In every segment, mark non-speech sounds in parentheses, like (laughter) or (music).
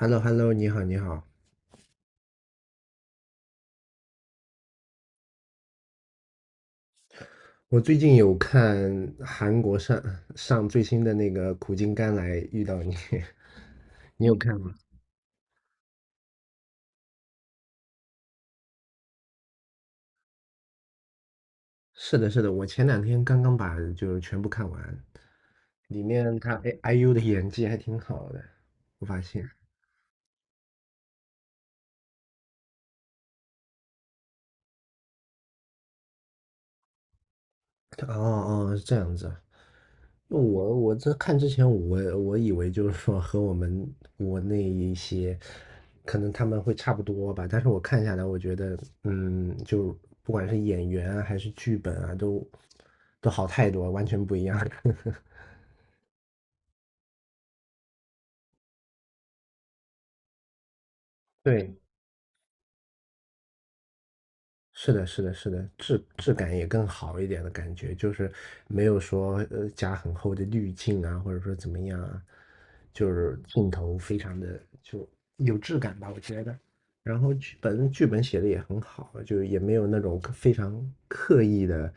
H e l l o h e l l o 你好，你好。我最近有看韩国上最新的那个《苦尽甘来》，遇到你。(laughs) 你有看吗？是的，是的，我前两天刚刚把就全部看完，里面IU 的演技还挺好的，我发现。哦哦，这样子啊。我我这看之前我以为就是说和我们国内一些，可能他们会差不多吧，但是我看下来，我觉得，嗯，就不管是演员啊还是剧本啊，都好太多，完全不一样。(laughs) 对，是的，是的，是的，质感也更好一点的感觉，就是没有说加很厚的滤镜啊，或者说怎么样啊，就是镜头非常的有质感吧，我觉得。然后剧本写的也很好啊，就也没有那种刻非常刻意的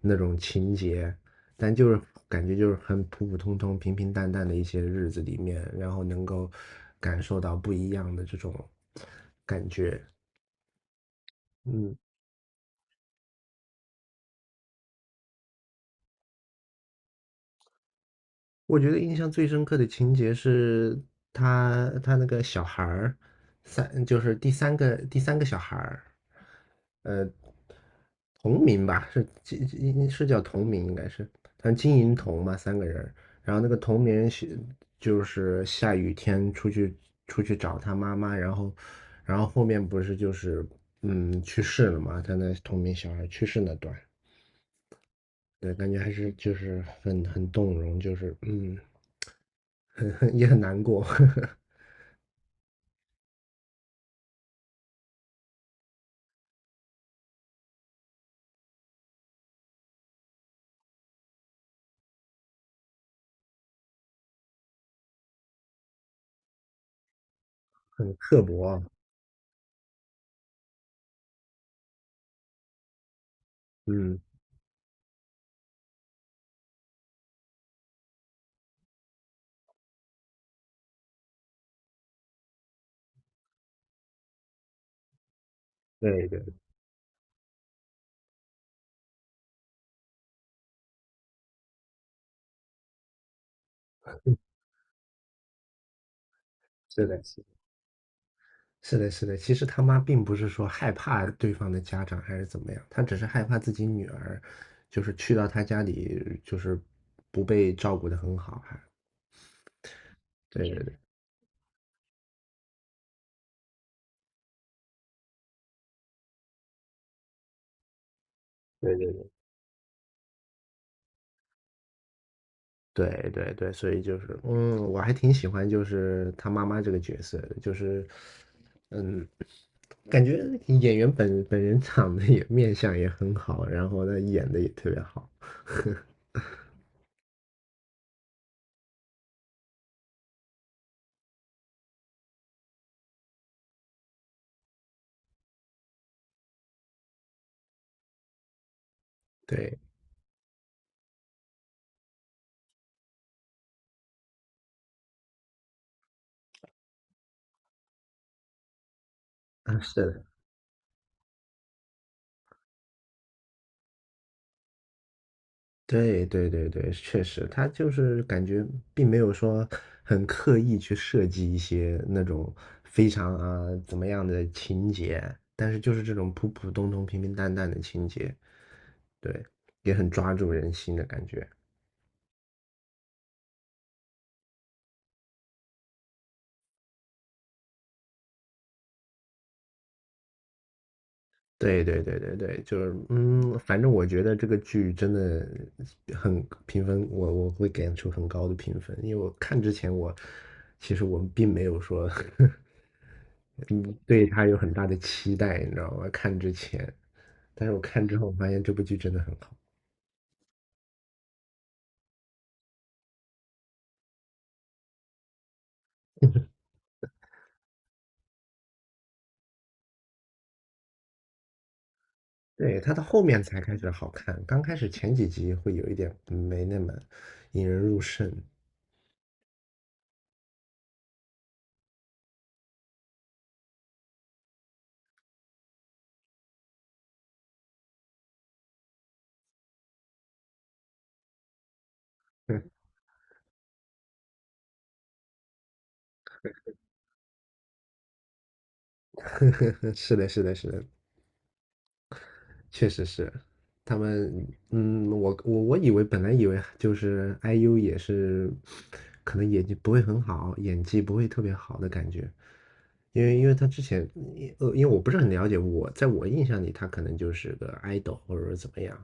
那种情节，但就是感觉就是很普普通通、平平淡淡的一些日子里面，然后能够感受到不一样的这种感觉，嗯。我觉得印象最深刻的情节是他那个小孩儿，三就是第三个小孩儿，呃，同名吧，是是叫同名应该是，他金银铜嘛，三个人儿，然后那个同名是就是下雨天出去找他妈妈，然后然后后面不是就是去世了嘛，他那同名小孩去世那段，对，感觉还是就是很动容，就是嗯。(laughs) 很也很难过，(laughs) 很刻薄啊。嗯，对对，对，是的，是的，是的，是的。其实他妈并不是说害怕对方的家长还是怎么样，她只是害怕自己女儿，就是去到她家里就是不被照顾的很好，还对对对。对对对对对对，所以就是，嗯，我还挺喜欢就是她妈妈这个角色的，就是，嗯，感觉演员本人长得也面相也很好，然后呢演的也特别好，对。啊，是的，对对对对，确实，他就是感觉并没有说很刻意去设计一些那种非常啊怎么样的情节，但是就是这种普普通通、平平淡淡的情节，对，也很抓住人心的感觉。对对对对对，就是嗯，反正我觉得这个剧真的很评分，我我会给出很高的评分，因为我看之前其实我并没有说 (laughs) 嗯对它有很大的期待，你知道吗？看之前，但是我看之后发现这部剧真的很好，对，它到后面才开始好看，刚开始前几集会有一点没那么引人入胜。(laughs) 是的，是的，是的，确实是，他们，嗯，我以为就是 IU 也是，可能演技不会很好，演技不会特别好的感觉，因为他之前，因为我不是很了解，我在我印象里他可能就是个 idol 或者说怎么样，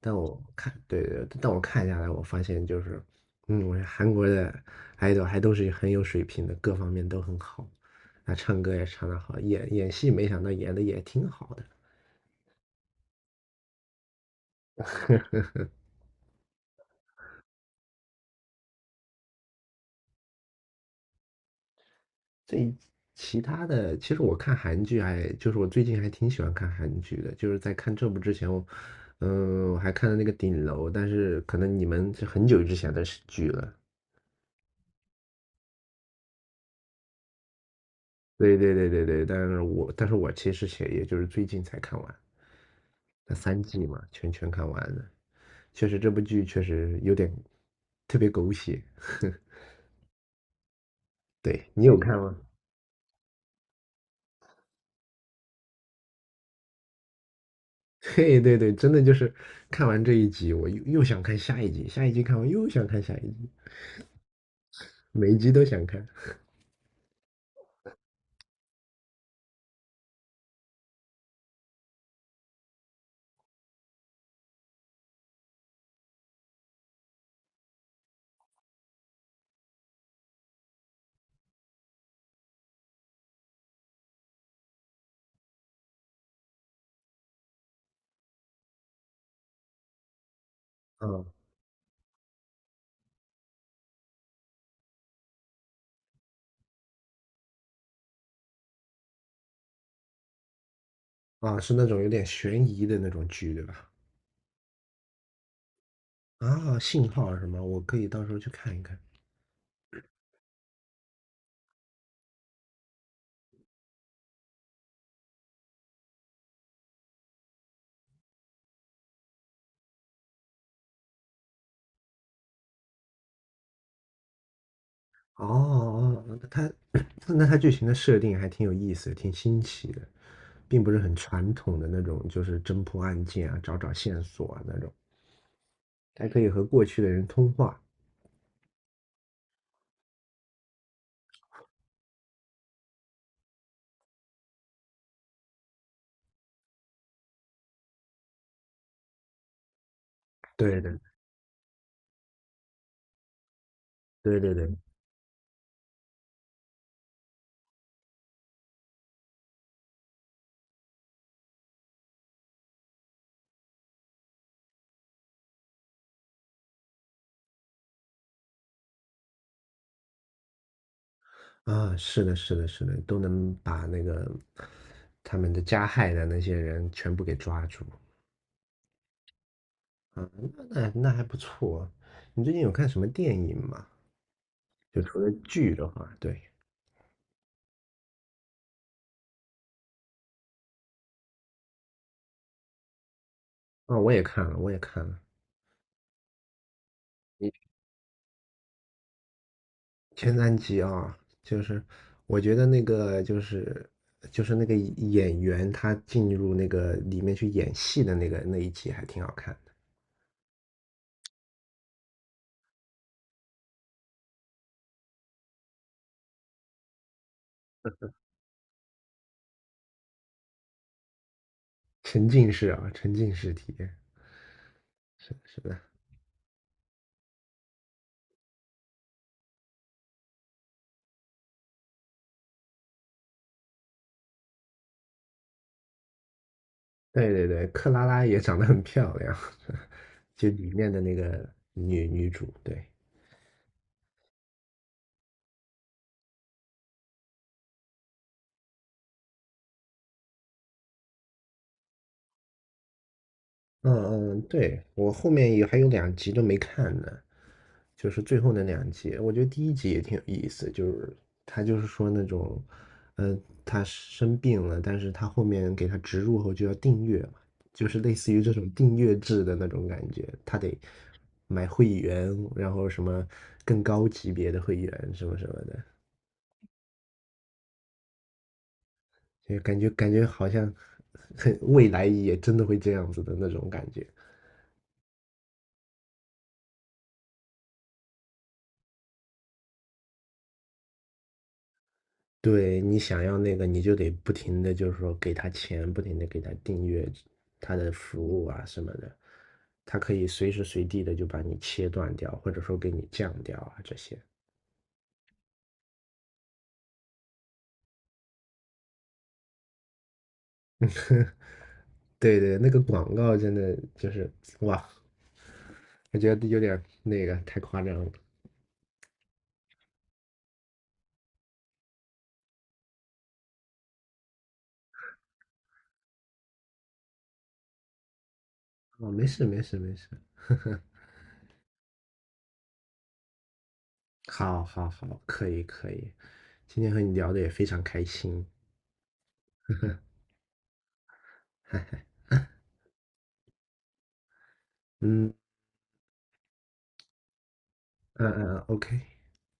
但我看，对对，但我看下来，我发现就是，嗯，我觉得韩国的 idol 还都是很有水平的，各方面都很好，啊，唱歌也唱得好，演戏没想到演的也挺好的。这其他的，其实我看韩剧还，就是我最近还挺喜欢看韩剧的，就是在看这部之前，我，嗯，我还看了那个《顶楼》，但是可能你们是很久之前的剧了。对对对对对，但是我其实也就是最近才看完，那三季嘛，全看完了。确实这部剧确实有点特别狗血。(laughs) 对，你有看吗？(laughs) 对对对，真的就是看完这一集，又想看下一集，下一集看完又想看下一集。每一集都想看。嗯，啊，是那种有点悬疑的那种剧，对吧？啊，信号什么，我可以到时候去看一看。哦哦，哦它 (clears throat) 那它剧情的设定还挺有意思的挺新奇的，并不是很传统的那种，就是侦破案件啊，找线索啊那种。还可以和过去的人通话。对的，对对对，啊，是的，是的，是的，都能把那个他们的加害的那些人全部给抓住。啊，那那那还不错。你最近有看什么电影吗？就除了剧的话，对，啊、我也看了，我也看了，你前三集啊，就是我觉得那个就是就是那个演员他进入那个里面去演戏的那个那一集还挺好看的，沉浸式啊，沉浸式体验，是的是的，对对对，克拉拉也长得很漂亮，(laughs) 就里面的那个女主，对，嗯嗯，对，我后面也还有两集都没看呢，就是最后那两集，我觉得第一集也挺有意思，就是他就是说那种，呃，他生病了，但是他后面给他植入后就要订阅嘛，就是类似于这种订阅制的那种感觉，他得买会员，然后什么更高级别的会员什么什么的，就感觉好像很未来也真的会这样子的那种感觉。对，你想要那个，你就得不停的，就是说给他钱，不停的给他订阅他的服务啊什么的，他可以随时随地的就把你切断掉，或者说给你降掉啊这些。(laughs) 对对，那个广告真的就是哇，我觉得有点那个太夸张了。哦，没事没事没事，(laughs) 好，好，好，可以可以，今天和你聊的也非常开心。嗯嗯，OK。